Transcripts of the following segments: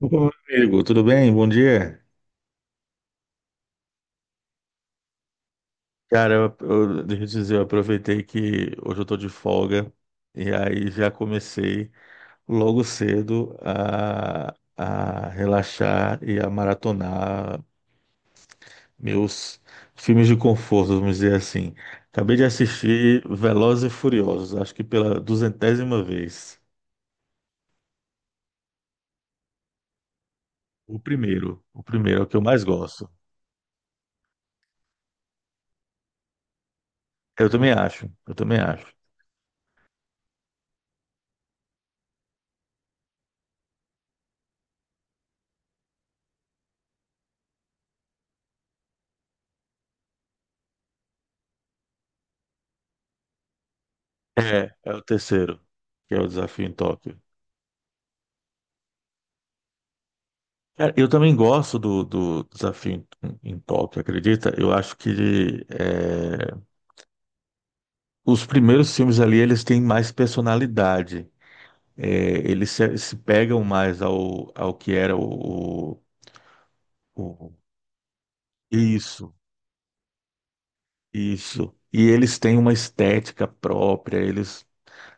Ô, amigo, tudo bem? Bom dia. Cara, deixa eu te dizer, eu aproveitei que hoje eu tô de folga e aí já comecei logo cedo a relaxar e a maratonar meus filmes de conforto, vamos dizer assim. Acabei de assistir Velozes e Furiosos, acho que pela 200ª vez. O primeiro é o que eu mais gosto. Eu também acho, eu também acho. É, é o terceiro, que é o Desafio em Tóquio. Cara, eu também gosto do desafio em Tóquio, acredita? Eu acho que os primeiros filmes ali eles têm mais personalidade. É, eles se pegam mais ao que era o- isso, isso. E eles têm uma estética própria. Eles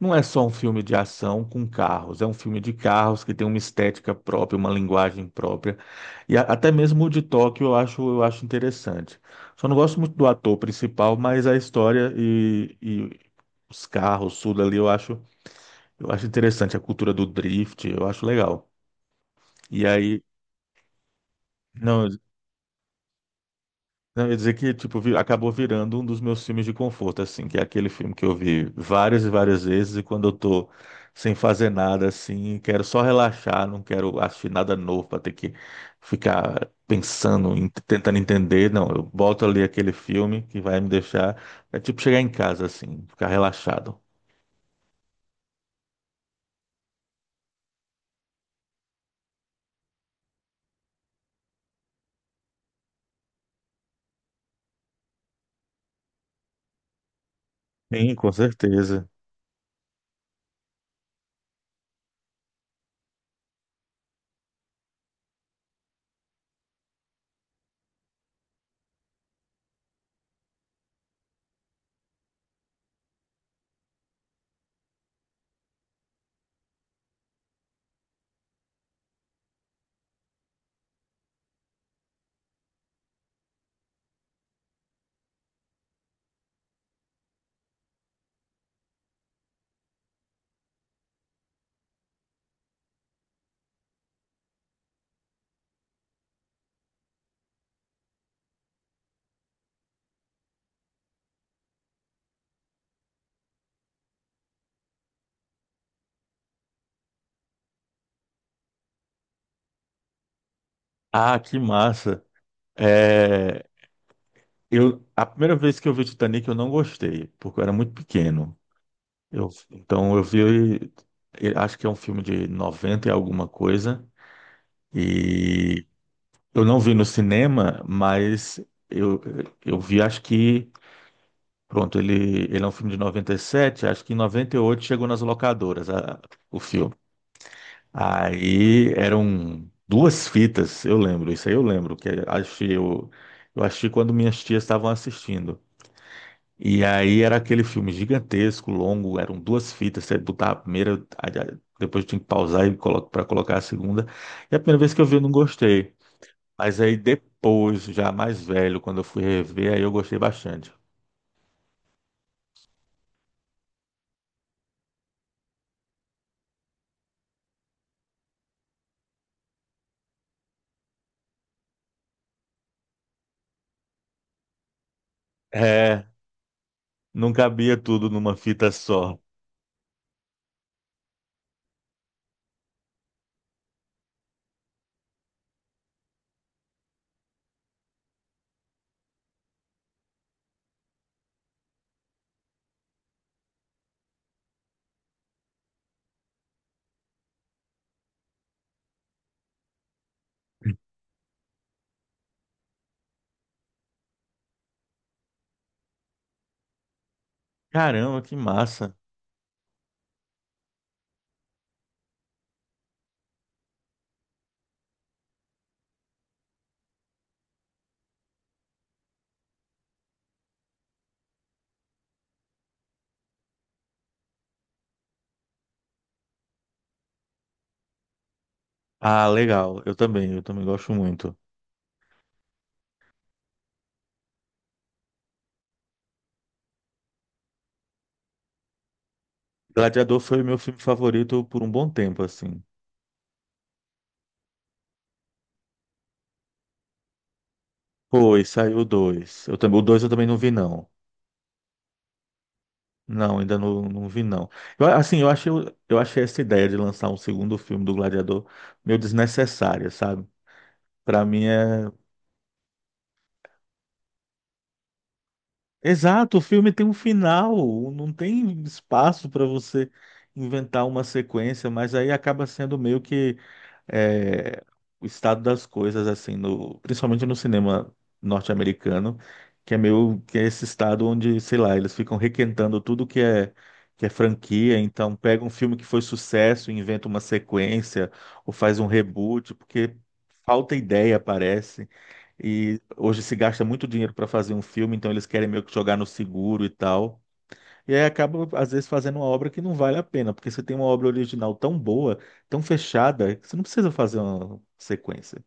Não é só um filme de ação com carros, é um filme de carros que tem uma estética própria, uma linguagem própria. E até mesmo o de Tóquio eu acho interessante. Só não gosto muito do ator principal, mas a história e os carros, tudo ali, eu acho interessante. A cultura do drift, eu acho legal. E aí, não, não, eu ia dizer que, tipo, acabou virando um dos meus filmes de conforto, assim, que é aquele filme que eu vi várias e várias vezes, e quando eu tô sem fazer nada, assim, quero só relaxar, não quero assistir nada novo pra ter que ficar pensando, tentando entender. Não, eu boto ali aquele filme que vai me deixar, é tipo chegar em casa, assim, ficar relaxado. Sim, com certeza. Ah, que massa. É, a primeira vez que eu vi Titanic eu não gostei, porque eu era muito pequeno. Eu, então eu vi, eu acho que é um filme de 90 e alguma coisa, e eu não vi no cinema, mas eu, eu vi, acho que, pronto, ele é um filme de 97, acho que em 98 chegou nas locadoras o filme. Aí eram duas fitas, eu lembro, isso aí eu lembro, que achei, eu achei quando minhas tias estavam assistindo. E aí era aquele filme gigantesco, longo, eram duas fitas, você botava a primeira, depois tinha que pausar e colo para colocar a segunda. E a primeira vez que eu vi, eu não gostei. Mas aí depois, já mais velho, quando eu fui rever, aí eu gostei bastante. É, não cabia tudo numa fita só. Caramba, que massa. Ah, legal. Eu também gosto muito. Gladiador foi o meu filme favorito por um bom tempo, assim. Foi, saiu o dois. Eu também, o dois eu também não vi, não. Não, ainda não, não vi, não. Eu, assim, eu achei essa ideia de lançar um segundo filme do Gladiador meio desnecessária, sabe? Pra mim é. Exato, o filme tem um final, não tem espaço pra você inventar uma sequência, mas aí acaba sendo meio que é o estado das coisas, assim, principalmente no cinema norte-americano, que é meio que é esse estado onde, sei lá, eles ficam requentando tudo que é franquia, então pega um filme que foi sucesso, e inventa uma sequência ou faz um reboot, porque falta ideia, parece. E hoje se gasta muito dinheiro para fazer um filme, então eles querem meio que jogar no seguro e tal. E aí acaba, às vezes, fazendo uma obra que não vale a pena, porque você tem uma obra original tão boa, tão fechada, que você não precisa fazer uma sequência.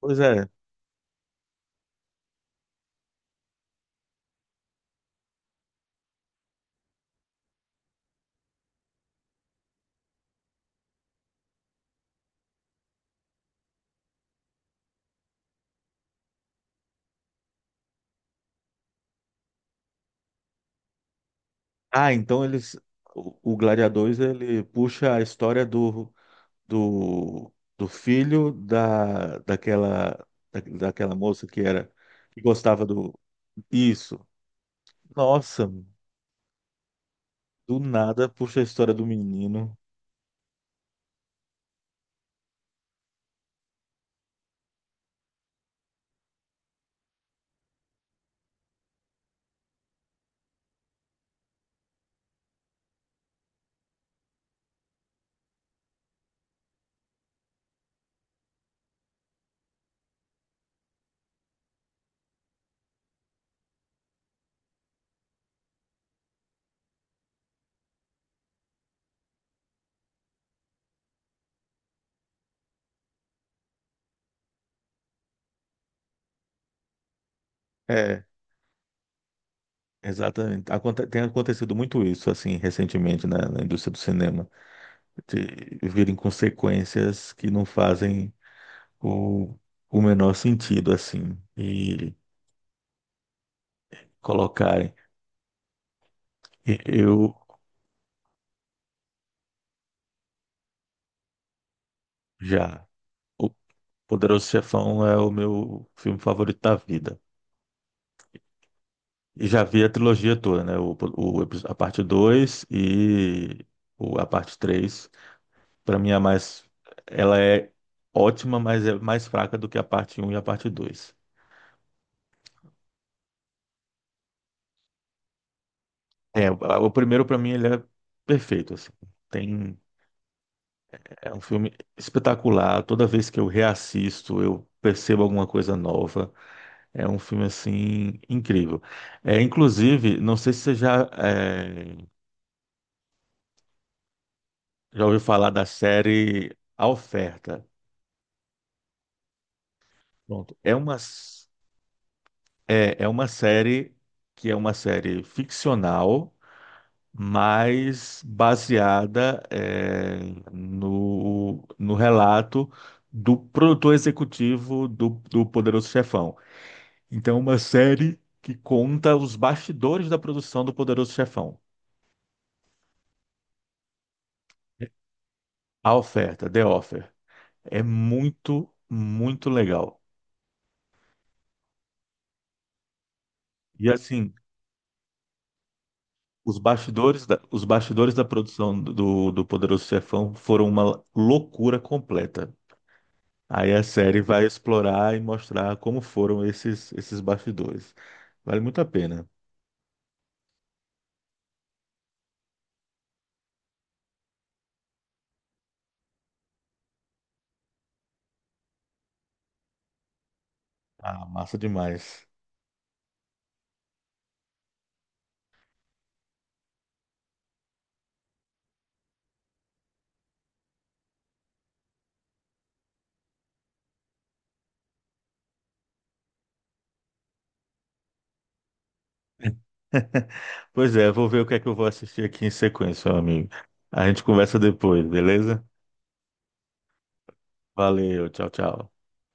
Pois é. Ah, então eles. O Gladiadores, ele puxa a história do filho daquela moça que era, que gostava do. Isso. Nossa, do nada puxa a história do menino. É, exatamente. Tem acontecido muito isso, assim, recentemente na indústria do cinema. Virem consequências que não fazem o, o menor sentido, assim, e colocarem. E eu já. O Poderoso Chefão é o meu filme favorito da vida. E já vi a trilogia toda, né? A parte 2 e a parte três. Para mim, é a mais. Ela é ótima, mas é mais fraca do que a parte um e a parte dois. É, o primeiro, para mim, ele é perfeito, assim. Tem É um filme espetacular. Toda vez que eu reassisto, eu percebo alguma coisa nova. É um filme assim incrível. É, inclusive, não sei se você já ouviu falar da série A Oferta. Pronto. É uma série que é uma série ficcional, mas baseada no relato do produtor executivo do Poderoso Chefão. Então, é uma série que conta os bastidores da produção do Poderoso Chefão. A Oferta, The Offer, é muito, muito legal. E assim, os bastidores da produção do Poderoso Chefão foram uma loucura completa. Aí a série vai explorar e mostrar como foram esses bastidores. Vale muito a pena. Ah, massa demais. Pois é, vou ver o que é que eu vou assistir aqui em sequência, meu amigo. A gente conversa depois, beleza? Valeu, tchau, tchau.